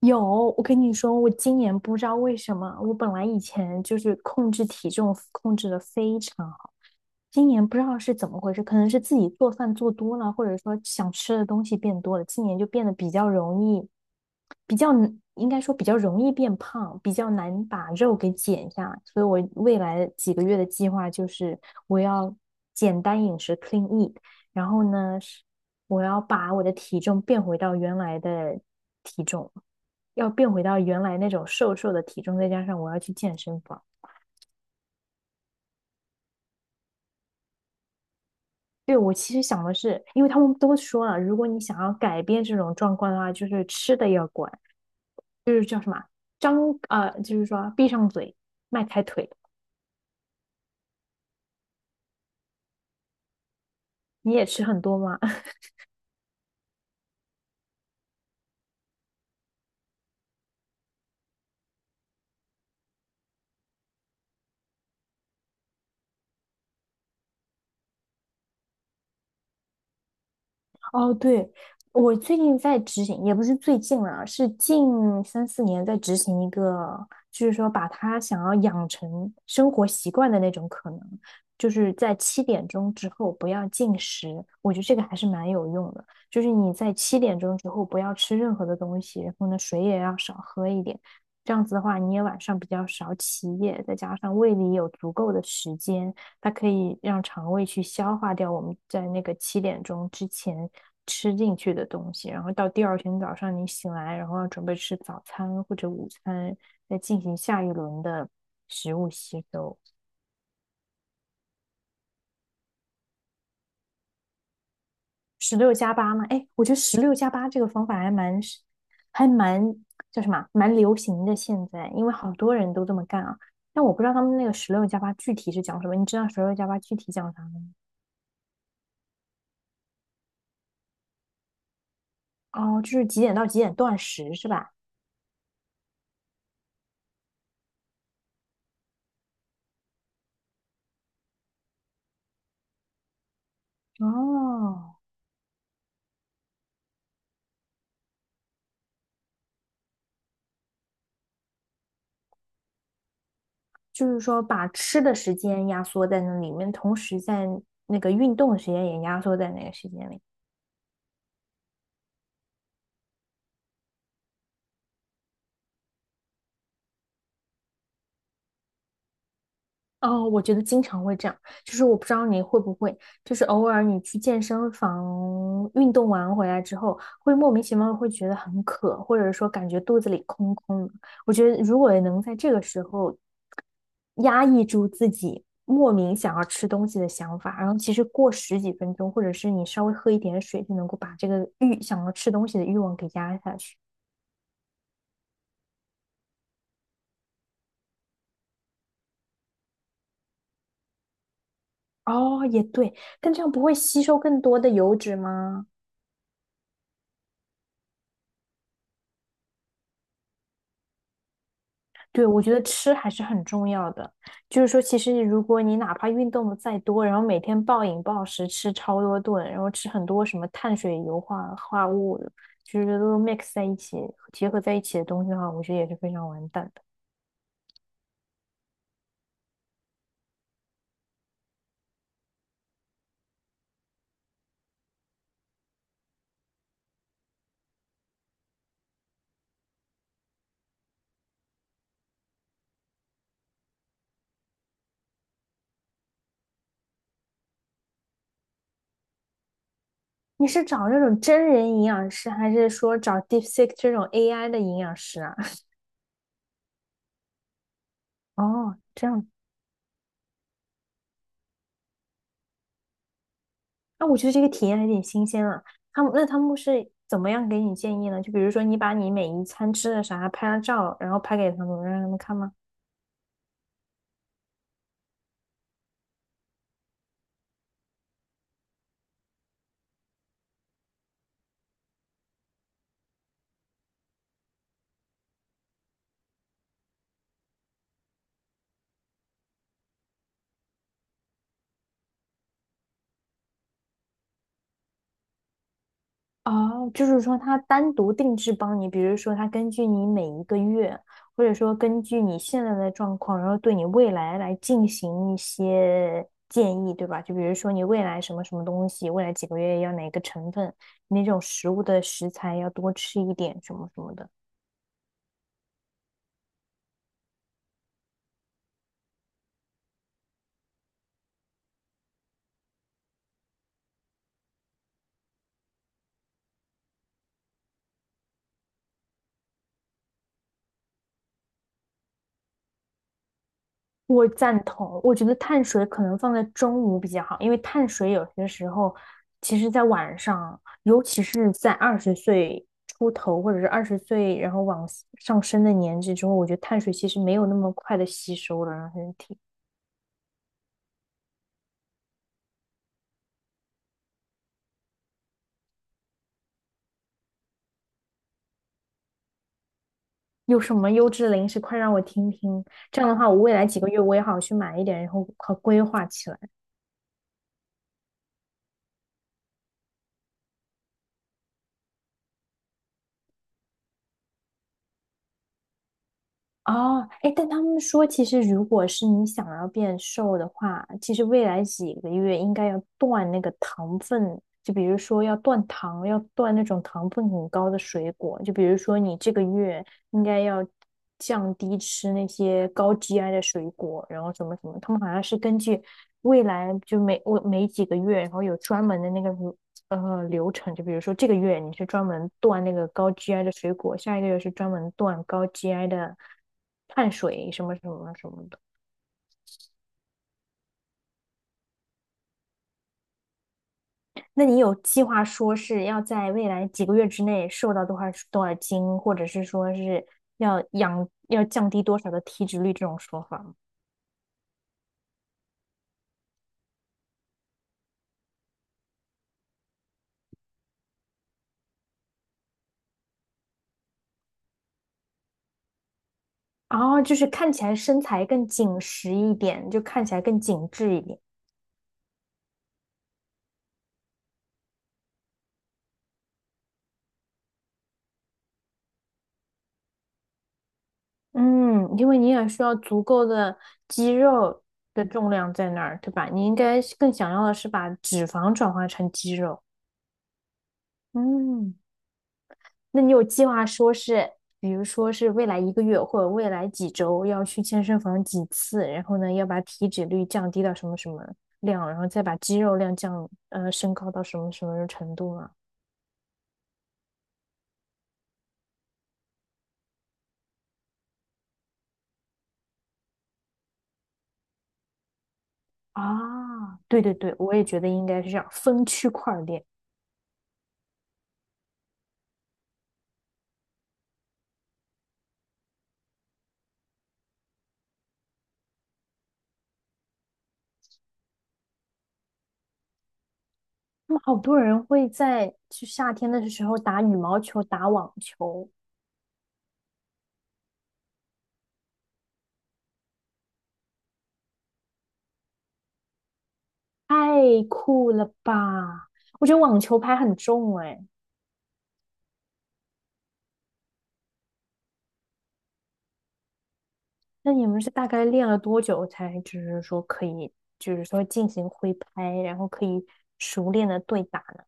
有，我跟你说，我今年不知道为什么，我本来以前就是控制体重控制的非常今年不知道是怎么回事，可能是自己做饭做多了，或者说想吃的东西变多了，今年就变得比较容易，比较难应该说比较容易变胖，比较难把肉给减下来。所以我未来几个月的计划就是我要简单饮食 （clean eat），然后呢，是我要把我的体重变回到原来的体重，要变回到原来那种瘦瘦的体重，再加上我要去健身房。对，我其实想的是，因为他们都说了，如果你想要改变这种状况的话，就是吃的要管，就是叫什么，张，就是说闭上嘴，迈开腿。你也吃很多吗？哦，对，我最近在执行，也不是最近了，是近三四年在执行一个，就是说把他想要养成生活习惯的那种可能，就是在七点钟之后不要进食，我觉得这个还是蛮有用的。就是你在七点钟之后不要吃任何的东西，然后呢水也要少喝一点，这样子的话你也晚上比较少起夜，再加上胃里有足够的时间，它可以让肠胃去消化掉我们在那个七点钟之前吃进去的东西，然后到第二天早上你醒来，然后要准备吃早餐或者午餐，再进行下一轮的食物吸收。十六加八嘛，哎，我觉得十六加八这个方法还蛮叫什么啊蛮流行的现在，因为好多人都这么干啊。但我不知道他们那个十六加八具体是讲什么，你知道十六加八具体讲啥吗？哦，就是几点到几点断食是吧？哦，就是说把吃的时间压缩在那里面，同时在那个运动的时间也压缩在那个时间里。哦，我觉得经常会这样，就是我不知道你会不会，就是偶尔你去健身房运动完回来之后，会莫名其妙会觉得很渴，或者说感觉肚子里空空的。我觉得如果能在这个时候压抑住自己莫名想要吃东西的想法，然后其实过十几分钟，或者是你稍微喝一点水，就能够把这个欲想要吃东西的欲望给压下去。哦，也对，但这样不会吸收更多的油脂吗？对，我觉得吃还是很重要的。就是说，其实如果你哪怕运动的再多，然后每天暴饮暴食，吃超多顿，然后吃很多什么碳水、油化化物，就是都 mix 在一起，结合在一起的东西的话，我觉得也是非常完蛋的。你是找那种真人营养师，还是说找 DeepSeek 这种 AI 的营养师啊？哦，这样，那我觉得这个体验还挺新鲜啊。他们是怎么样给你建议呢？就比如说，你把你每一餐吃的啥拍了照，然后拍给他们，让他们看吗？哦，就是说它单独定制帮你，比如说它根据你每一个月，或者说根据你现在的状况，然后对你未来来进行一些建议，对吧？就比如说你未来什么什么东西，未来几个月要哪个成分，那种食物的食材要多吃一点，什么什么的。我赞同，我觉得碳水可能放在中午比较好，因为碳水有些时候，其实在晚上，尤其是在二十岁出头或者是二十岁然后往上升的年纪之后，我觉得碳水其实没有那么快的吸收了，让身体。有什么优质的零食，快让我听听。这样的话，我未来几个月我也好去买一点，然后好规划起来。哦，哎，但他们说，其实如果是你想要变瘦的话，其实未来几个月应该要断那个糖分，就比如说要断糖，要断那种糖分很高的水果，就比如说你这个月应该要降低吃那些高 GI 的水果，然后什么什么，他们好像是根据未来就每几个月，然后有专门的那个呃流程，就比如说这个月你是专门断那个高 GI 的水果，下一个月是专门断高 GI 的碳水什么什么什么的。那你有计划说是要在未来几个月之内瘦到多少多少斤，或者是说是要降低多少的体脂率这种说法吗？哦，就是看起来身材更紧实一点，就看起来更紧致一点。嗯，因为你也需要足够的肌肉的重量在那儿，对吧？你应该是更想要的是把脂肪转化成肌肉。嗯，那你有计划说是，比如说是未来一个月或者未来几周要去健身房几次，然后呢要把体脂率降低到什么什么量，然后再把肌肉量升高到什么什么程度吗？啊，对对对，我也觉得应该是这样，分区块儿练。那么好多人会在就夏天的时候打羽毛球、打网球，太酷了吧！我觉得网球拍很重哎。那你们是大概练了多久才，就是说可以，就是说进行挥拍，然后可以熟练的对打呢？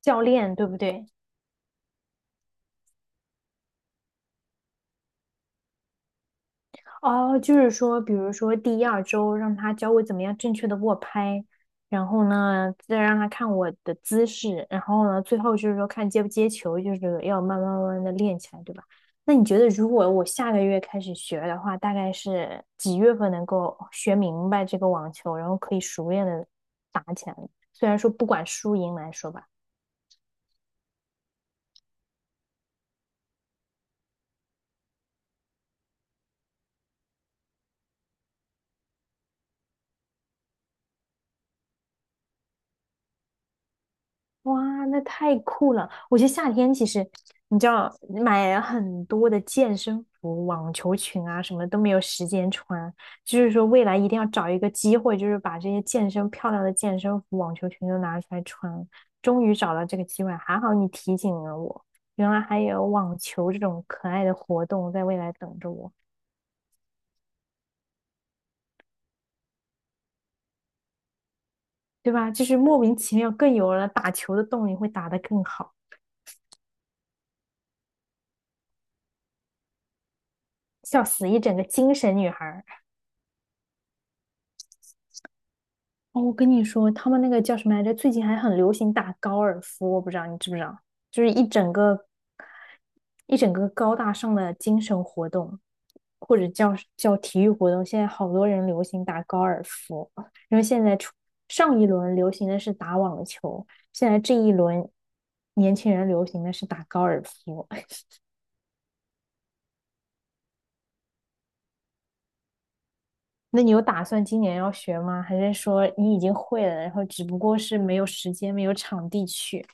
教练对不对？哦，就是说，比如说第二周让他教我怎么样正确的握拍，然后呢，再让他看我的姿势，然后呢，最后就是说看接不接球，就是要慢慢慢慢的练起来，对吧？那你觉得如果我下个月开始学的话，大概是几月份能够学明白这个网球，然后可以熟练的打起来呢？虽然说不管输赢来说吧。哇，那太酷了！我觉得夏天其实，你知道，买很多的健身服、网球裙啊，什么都没有时间穿。就是说，未来一定要找一个机会，就是把这些健身漂亮的健身服、网球裙都拿出来穿。终于找到这个机会，还好你提醒了我，原来还有网球这种可爱的活动在未来等着我，对吧？就是莫名其妙更有了打球的动力，会打得更好，笑死一整个精神女孩儿。哦，我跟你说，他们那个叫什么来着？最近还很流行打高尔夫，我不知道你知不知道，就是一整个高大上的精神活动，或者叫体育活动。现在好多人流行打高尔夫，因为现在上一轮流行的是打网球，现在这一轮年轻人流行的是打高尔夫。那你有打算今年要学吗？还是说你已经会了，然后只不过是没有时间、没有场地去？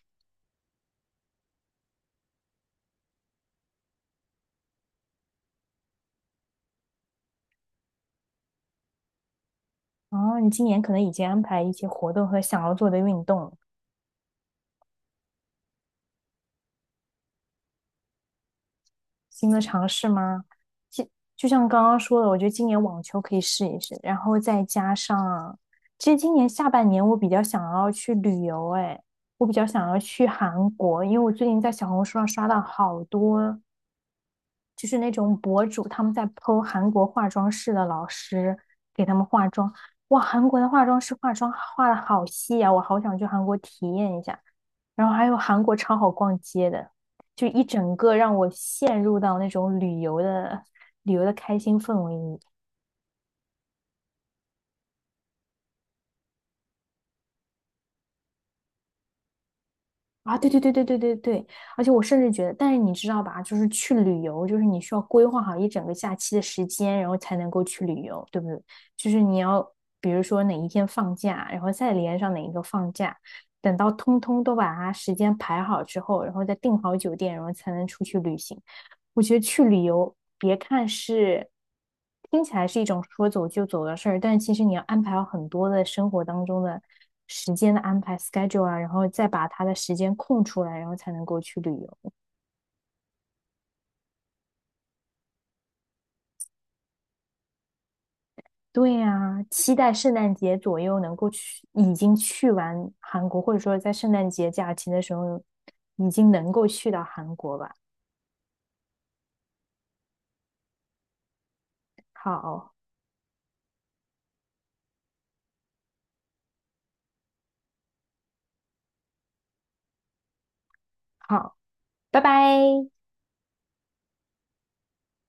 哦，你今年可能已经安排一些活动和想要做的运动，新的尝试吗？就就像刚刚说的，我觉得今年网球可以试一试，然后再加上，其实今年下半年我比较想要去旅游，哎，我比较想要去韩国，因为我最近在小红书上刷到好多。就是那种博主他们在 p 韩国化妆室的老师给他们化妆，哇，韩国的化妆师化妆化的好细啊，我好想去韩国体验一下。然后还有韩国超好逛街的，就一整个让我陷入到那种旅游的开心氛围里。啊，对对对对对对对，而且我甚至觉得，但是你知道吧，就是去旅游，就是你需要规划好一整个假期的时间，然后才能够去旅游，对不对？就是你要比如说哪一天放假，然后再连上哪一个放假，等到通通都把它时间排好之后，然后再订好酒店，然后才能出去旅行。我觉得去旅游，别看是听起来是一种说走就走的事儿，但其实你要安排好很多的生活当中的时间的安排 schedule 啊，然后再把它的时间空出来，然后才能够去旅游。对呀，期待圣诞节左右能够去，已经去完韩国，或者说在圣诞节假期的时候已经能够去到韩国吧。好，好，拜拜。